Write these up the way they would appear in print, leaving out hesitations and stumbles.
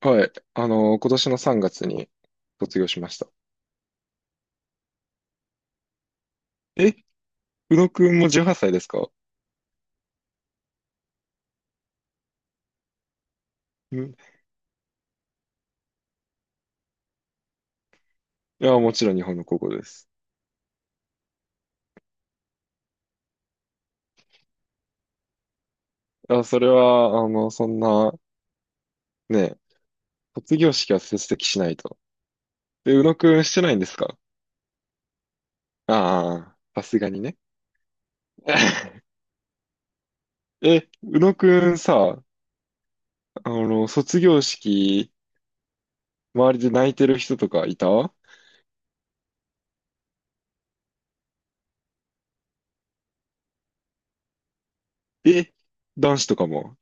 はい。今年の3月に卒業しました。え、宇野くんも18歳ですか？うん。いや、もちろん日本の高校です。あ、それは、そんな、ね、卒業式は出席しないと。え、宇野くんしてないんですか？ああー、さすがにね。え、宇野くんさ、卒業式、周りで泣いてる人とかいた？え、男子とかも？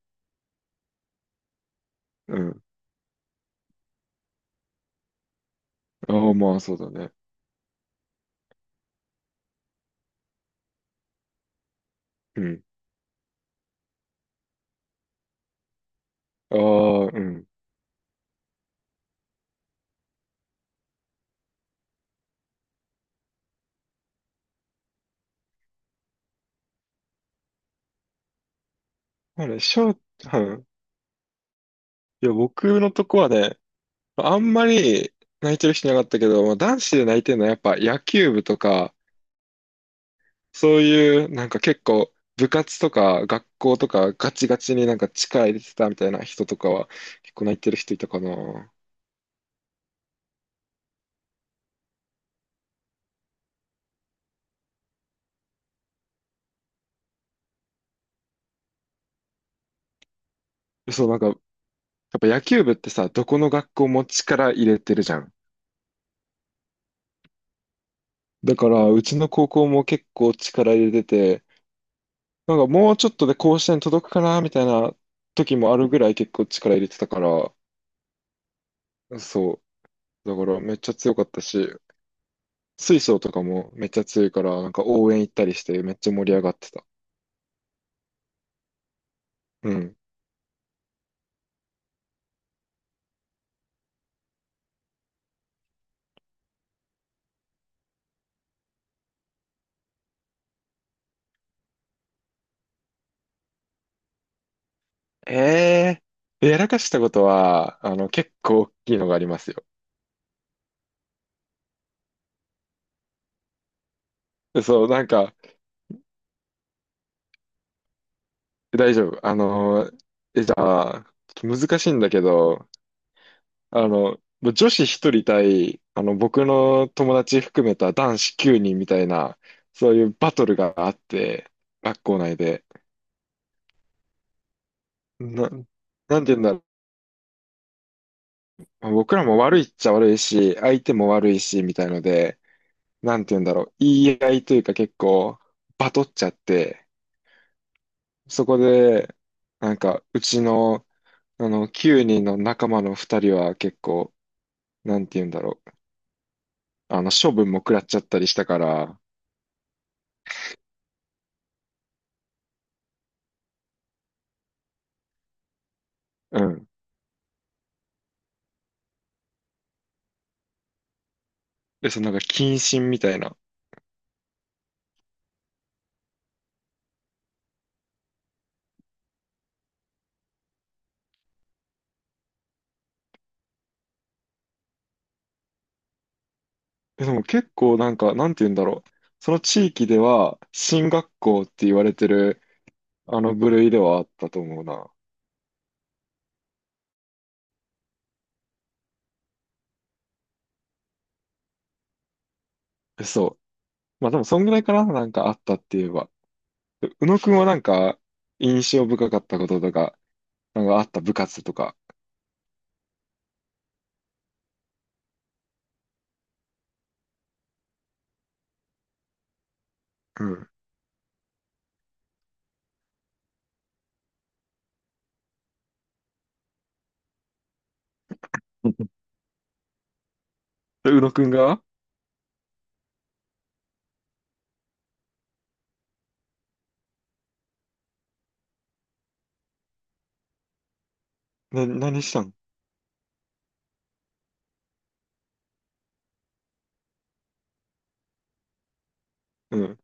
うん。ああ、まあ、そうだね。うん。ああ、うん。まあね、しょう、いや、僕のとこはね、あんまり泣いてる人いなかったけど、まあ、男子で泣いてるのはやっぱ野球部とか、そういうなんか結構部活とか学校とかガチガチになんか力入れてたみたいな人とかは結構泣いてる人いたかな。そう、なんかやっぱ野球部ってさ、どこの学校も力入れてるじゃん。だからうちの高校も結構力入れてて、なんかもうちょっとで甲子園届くかなみたいな時もあるぐらい結構力入れてたから、そう。だからめっちゃ強かったし、水晶とかもめっちゃ強いから、なんか応援行ったりしてめっちゃ盛り上がってた。うん。えやらかしたことは、結構大きいのがありますよ。でそう、なんか、大丈夫。え、じゃあ、ちょっと難しいんだけど、あの、もう女子一人対、僕の友達含めた男子9人みたいな、そういうバトルがあって、学校内で。なんて言うんだ。まあ僕らも悪いっちゃ悪いし、相手も悪いし、みたいので、なんて言うんだろう、言い合いというか結構、バトっちゃって、そこで、なんか、うちの、9人の仲間の2人は結構、なんて言うんだろう、処分も食らっちゃったりしたから、うん。で、そのなんか、謹慎みたいな。でも結構なんか、なんて言うんだろう、その地域では、進学校って言われてる、あの部類ではあったと思うな。そう。まあでも、そんぐらいかな、なんかあったって言えば。宇野くんはなんか、印象深かったこととか、なんかあった部活とか。うん。で宇野くんが何したん？うん、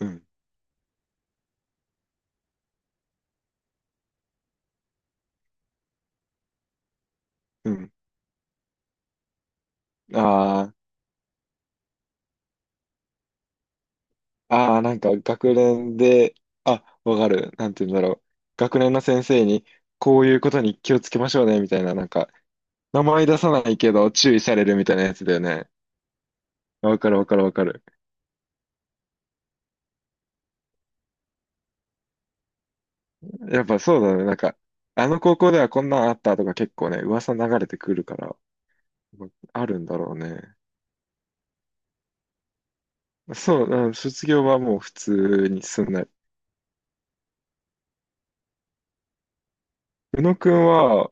うん、うん。ああ、ああ、なんか学年で、あ、わかる。なんて言うんだろう。学年の先生に、こういうことに気をつけましょうね、みたいな、なんか、名前出さないけど注意されるみたいなやつだよね。わかるわかるわかる。やっぱそうだね。なんか、あの高校ではこんなんあったとか結構ね、噂流れてくるから。あるんだろうね。そう、あ、卒業はもう普通にすんない。宇野くんは、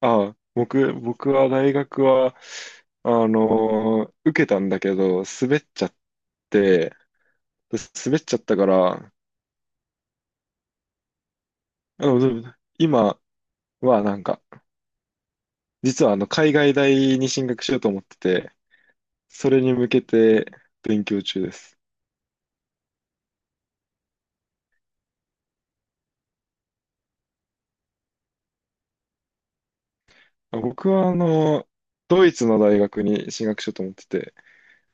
あ、僕は大学は、受けたんだけど、滑っちゃって、滑っちゃったから、でも今はなんか、実は海外大に進学しようと思ってて、それに向けて勉強中です。僕はドイツの大学に進学しようと思ってて、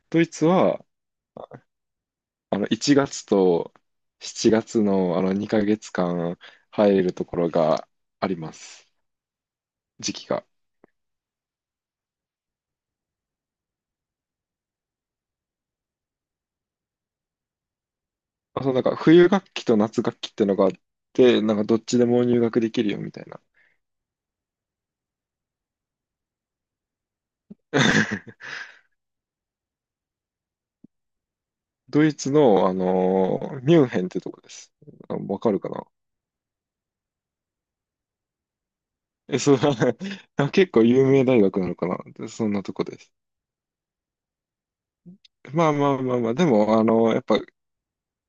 ドイツは、1月と7月の2ヶ月間入るところがあります。時期が。あ、そう、なんか冬学期と夏学期ってのがあって、なんかどっちでも入学できるよみたいな。ドイツの、ミュンヘンってとこです。あ、わかるかな？え、そう、結構有名大学なのかな、でそんなとこです。まあまあまあまあ、でも、やっぱ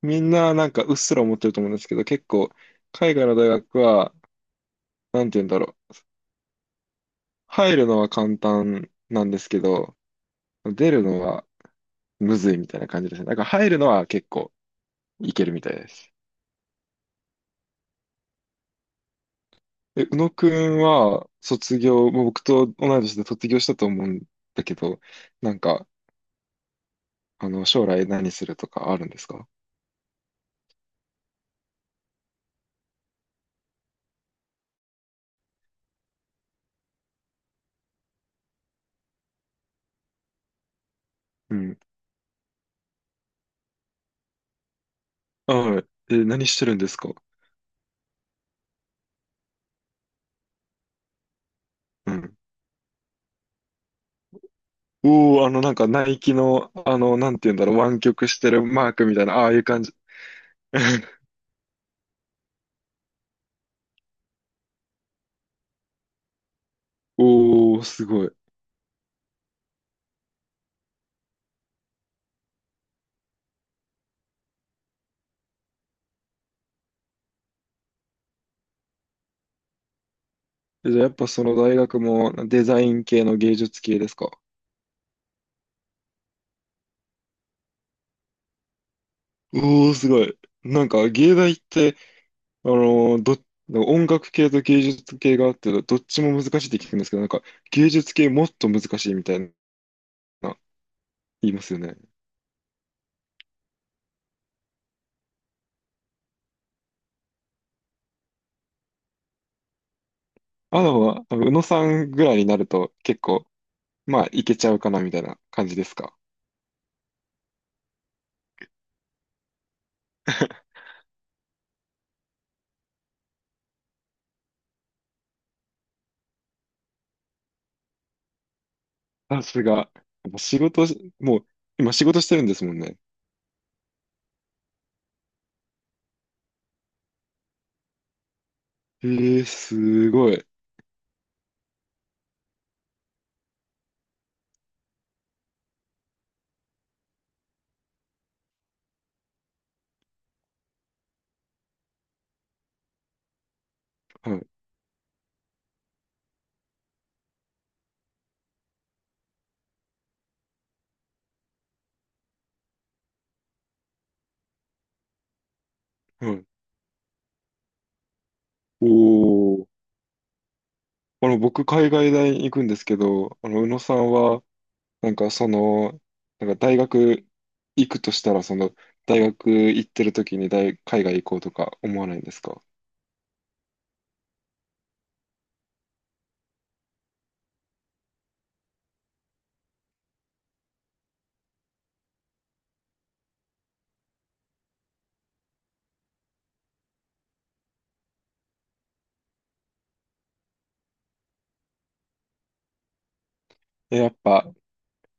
みんななんかうっすら思ってると思うんですけど、結構海外の大学は、なんて言うんだろう。入るのは簡単なんですけど、出るのはむずいみたいな感じですね。なんか入るのは結構いけるみたいです。え、宇野くんは卒業、もう僕と同い年で卒業したと思うんだけど、なんか、将来何するとかあるんですか？うん。あ、はい。え、何してるんですか？うん。おー、なんか、ナイキの、なんて言うんだろう、湾曲してるマークみたいな、ああいう感じ。おー、すごい。え、じゃあ、やっぱその大学もデザイン系の芸術系ですか？おー、すごい。なんか、芸大って、あのーど、音楽系と芸術系があって、どっちも難しいって聞くんですけど、なんか、芸術系もっと難しいみたいな、言いますよね。あのは、あの宇野さんぐらいになると、結構、まあ、いけちゃうかな、みたいな感じですか。さすが。やっぱ仕事し、もう、今仕事してるんですもんね。すごい。はい、はい。おー。僕、海外大に行くんですけど、宇野さんは、なんかその、なんか大学行くとしたら、その大学行ってる時に海外行こうとか思わないんですか？え、やっぱ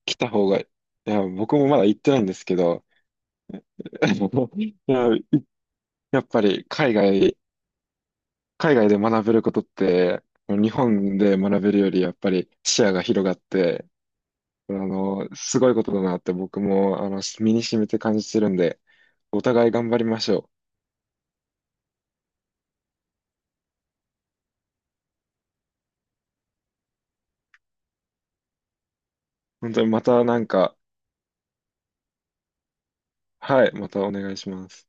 来た方が、いや、僕もまだ行ってないんですけど、いや、やっぱり海外で学べることって、日本で学べるよりやっぱり視野が広がって、すごいことだなって僕も、身に染みて感じてるんで、お互い頑張りましょう。本当にまたなんか、はい、またお願いします。